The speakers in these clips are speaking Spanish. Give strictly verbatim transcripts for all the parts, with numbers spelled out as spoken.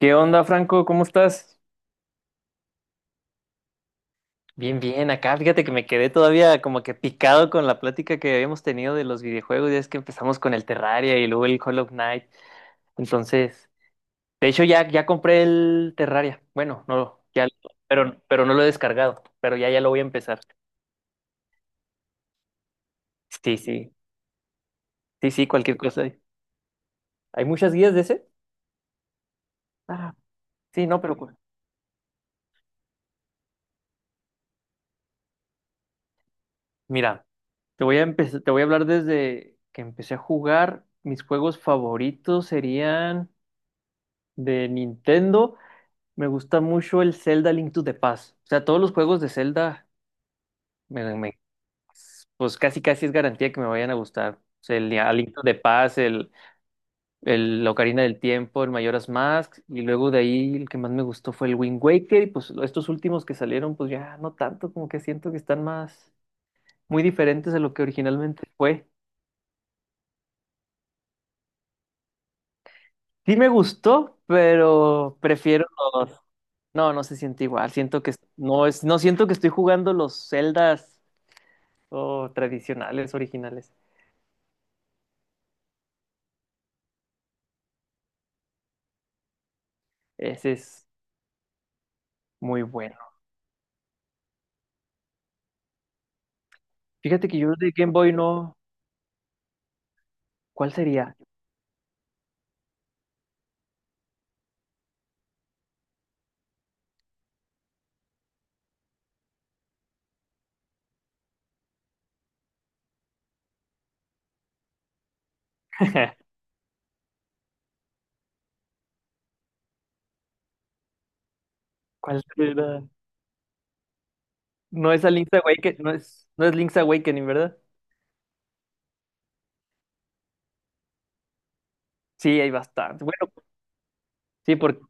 ¿Qué onda, Franco? ¿Cómo estás? Bien, bien, acá fíjate que me quedé todavía como que picado con la plática que habíamos tenido de los videojuegos, ya es que empezamos con el Terraria y luego el Hollow Knight. Entonces, de hecho ya, ya compré el Terraria. Bueno, no, ya, pero, pero no lo he descargado, pero ya, ya lo voy a empezar. Sí, sí, sí, sí, cualquier cosa. ¿Hay muchas guías de ese? Ah, sí, no, pero cu- mira, te voy a empezar, te voy a hablar desde que empecé a jugar. Mis juegos favoritos serían de Nintendo. Me gusta mucho el Zelda Link to the Past. O sea, todos los juegos de Zelda, me, me- pues casi casi es garantía que me vayan a gustar. O sea, el a Link to the Past, el, el la Ocarina del Tiempo, el Majora's Mask, y luego de ahí el que más me gustó fue el Wind Waker, y pues estos últimos que salieron, pues ya no tanto, como que siento que están más, muy diferentes de lo que originalmente fue. Sí me gustó, pero prefiero los... No, no se siente igual. Siento que no es, no siento que estoy jugando los Zeldas o tradicionales, originales. Ese es muy bueno. Fíjate que yo de Game Boy no. ¿Cuál sería? ¿Cuál será? No es a Link's Awakening, no es, no es Link's Awakening, ¿verdad? Sí, hay bastante. Bueno, sí, por-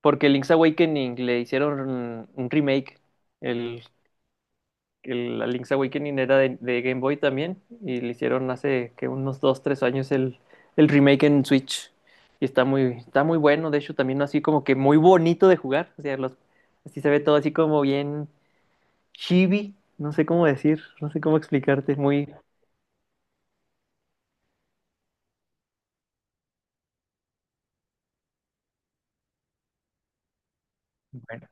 porque Link's Awakening le hicieron un remake. El que la Link's Awakening era de, de Game Boy también y le hicieron hace que unos dos tres años el, el remake en Switch y está muy, está muy bueno, de hecho también así como que muy bonito de jugar, o sea, los, así se ve todo así como bien chibi, no sé cómo decir, no sé cómo explicarte, muy bueno.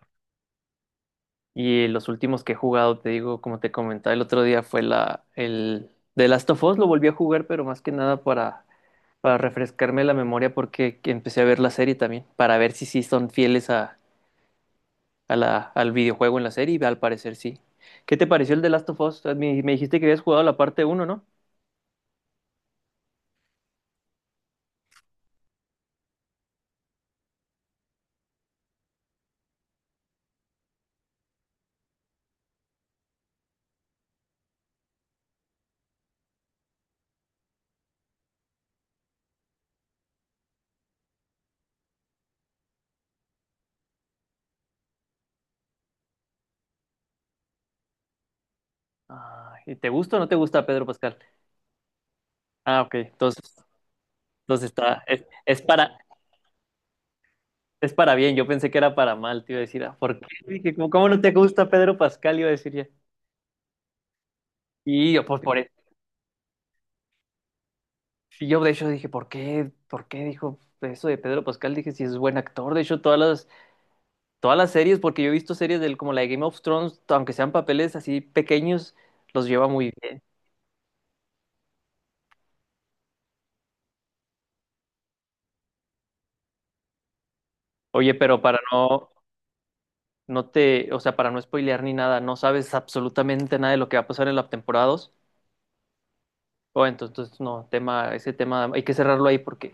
Y los últimos que he jugado, te digo, como te comentaba el otro día, fue la, el The Last of Us, lo volví a jugar, pero más que nada para, para refrescarme la memoria porque empecé a ver la serie también, para ver si sí son fieles a a la- al videojuego en la serie, y al parecer sí. ¿Qué te pareció el de Last of Us? Me, me dijiste que habías jugado la parte uno, ¿no? Ah, ¿y te gusta o no te gusta Pedro Pascal? Ah, ok, entonces, entonces está, es, es para, es para bien, yo pensé que era para mal, te iba a decir, ah, ¿por qué? Dije, ¿cómo, cómo no te gusta Pedro Pascal? Iba a decir ya. Y yo, pues por eso. Yo de hecho dije, ¿por qué? ¿Por qué dijo eso de Pedro Pascal? Dije, si es buen actor, de hecho todas las, todas las series, porque yo he visto series del, como la de Game of Thrones, aunque sean papeles así pequeños, los lleva muy bien. Oye, pero para no, no te, o sea, para no spoilear ni nada, no sabes absolutamente nada de lo que va a pasar en la temporada dos. O entonces, entonces, no, tema, ese tema hay que cerrarlo ahí porque,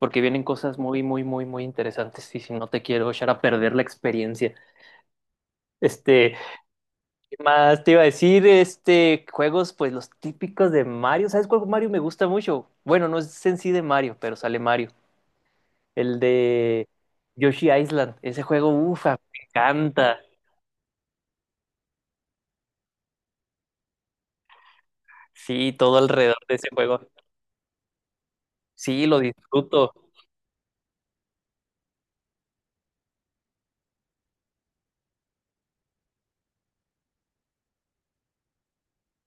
porque vienen cosas muy, muy, muy, muy interesantes. Y si no te quiero echar a perder la experiencia. Este, ¿qué más te iba a decir? Este, juegos, pues los típicos de Mario. ¿Sabes cuál Mario me gusta mucho? Bueno, no es en sí de Mario, pero sale Mario. El de Yoshi Island. Ese juego, ufa, me encanta. Sí, todo alrededor de ese juego. Sí, lo disfruto.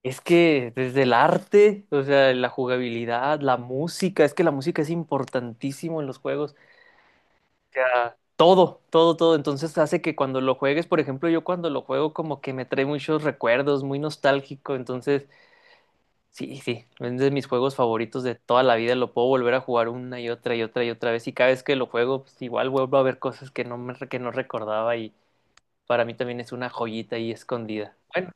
Es que desde el arte, o sea, la jugabilidad, la música, es que la música es importantísimo en los juegos. O sea, todo, todo, todo. Entonces hace que cuando lo juegues, por ejemplo, yo cuando lo juego como que me trae muchos recuerdos, muy nostálgico. Entonces, sí, sí, es de mis juegos favoritos de toda la vida. Lo puedo volver a jugar una y otra y otra y otra vez. Y cada vez que lo juego, pues igual vuelvo a ver cosas que no me, que no recordaba y para mí también es una joyita ahí escondida. Bueno,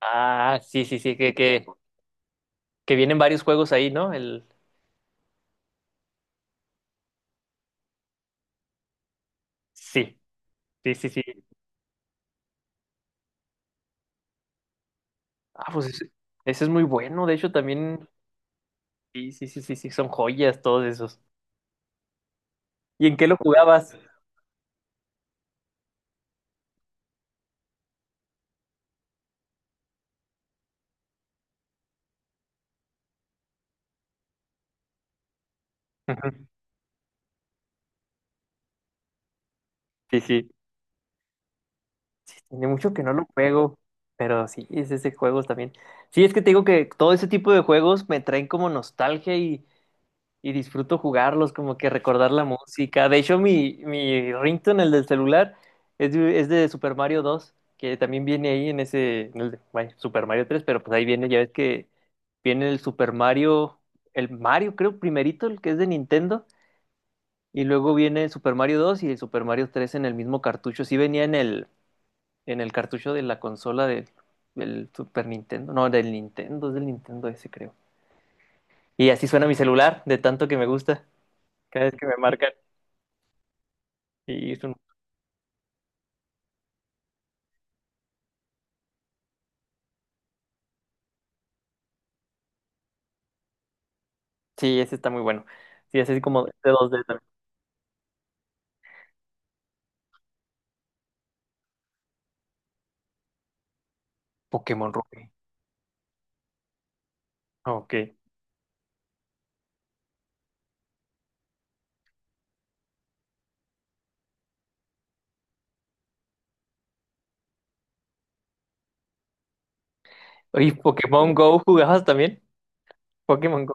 ah, sí, sí, sí, que, que, que vienen varios juegos ahí, ¿no? El... Sí, sí, sí, sí. Ah, pues ese, ese es muy bueno, de hecho también, sí, sí, sí, sí, sí, son joyas todos esos. ¿Y en qué lo jugabas? Ujú. Sí, sí, sí, tiene mucho que no lo juego, pero sí, es ese juego también. Sí, es que te digo que todo ese tipo de juegos me traen como nostalgia y. Y disfruto jugarlos, como que recordar la música. De hecho, mi, mi ringtone, el del celular, es de, es de Super Mario dos que también viene ahí en ese, en el de- bueno, Super Mario tres pero pues ahí viene, ya ves que viene el Super Mario, el Mario creo primerito, el que es de Nintendo, y luego viene el Super Mario dos y el Super Mario tres en el mismo cartucho. Sí venía en el, en el cartucho de la consola del, del Super Nintendo, no, del Nintendo, es del Nintendo ese creo. Y así suena mi celular, de tanto que me gusta, cada vez que me marca. Sí, es un- sí, ese está muy bueno. Sí, es así como de este dos d también. Pokémon Rubí. Ok. Oye, ¿Pokémon Go jugabas también? Pokémon Go.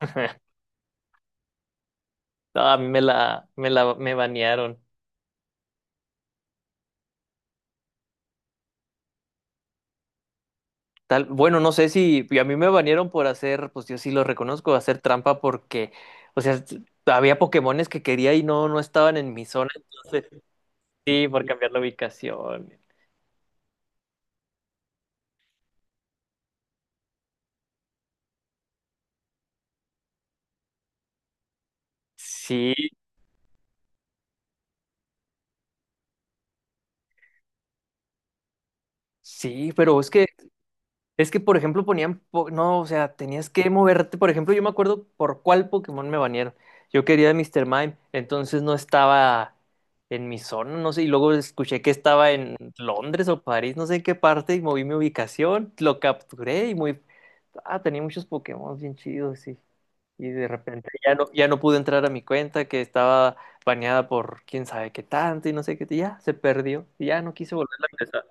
No, a mí me la, me la, me banearon. Tal, bueno, no sé si a mí me banearon por hacer, pues yo sí lo reconozco, hacer trampa porque, o sea, había Pokémones que quería y no, no estaban en mi zona, entonces sí, por cambiar la ubicación. Sí, sí, pero es que es que, por ejemplo, ponían, po- no, o sea, tenías que moverte. Por ejemplo, yo me acuerdo por cuál Pokémon me banearon. Yo quería a míster Mime, entonces no estaba en mi zona, no sé, y luego escuché que estaba en Londres o París, no sé en qué parte, y moví mi ubicación, lo capturé y muy... Ah, tenía muchos Pokémon bien chidos, sí. Y de repente ya no, ya no pude entrar a mi cuenta, que estaba baneada por quién sabe qué tanto y no sé qué, y ya se perdió, y ya no quise volver a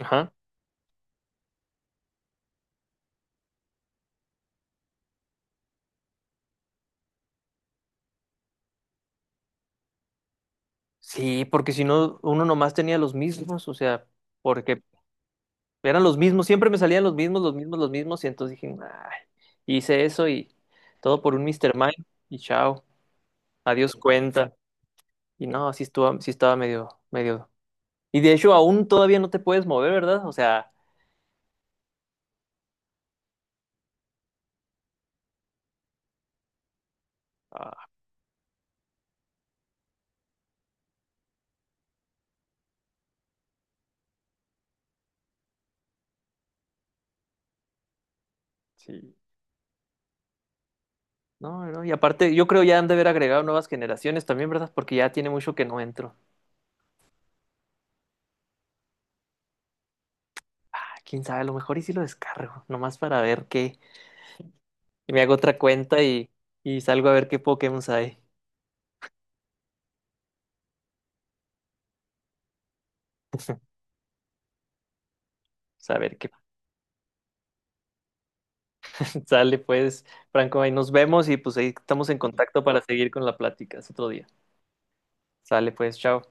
empezar. Sí, porque si no, uno nomás tenía los mismos, o sea, porque eran los mismos, siempre me salían los mismos, los mismos, los mismos, y entonces dije, "Ay", hice eso y todo por un míster Mind, y chao, adiós cuenta. Y no, así estuvo, sí estaba medio, medio. Y de hecho, aún todavía no te puedes mover, ¿verdad? O sea, ah, sí. No, no, y aparte, yo creo ya han de haber agregado nuevas generaciones también, ¿verdad? Porque ya tiene mucho que no entro. Ah, quién sabe, a lo mejor y si lo descargo, nomás para ver qué. Y me hago otra cuenta y, y salgo a ver qué Pokémon hay. Pues, a ver qué sale, pues, Franco, ahí nos vemos y pues ahí estamos en contacto para seguir con la plática. Es otro día. Sale, pues, chao.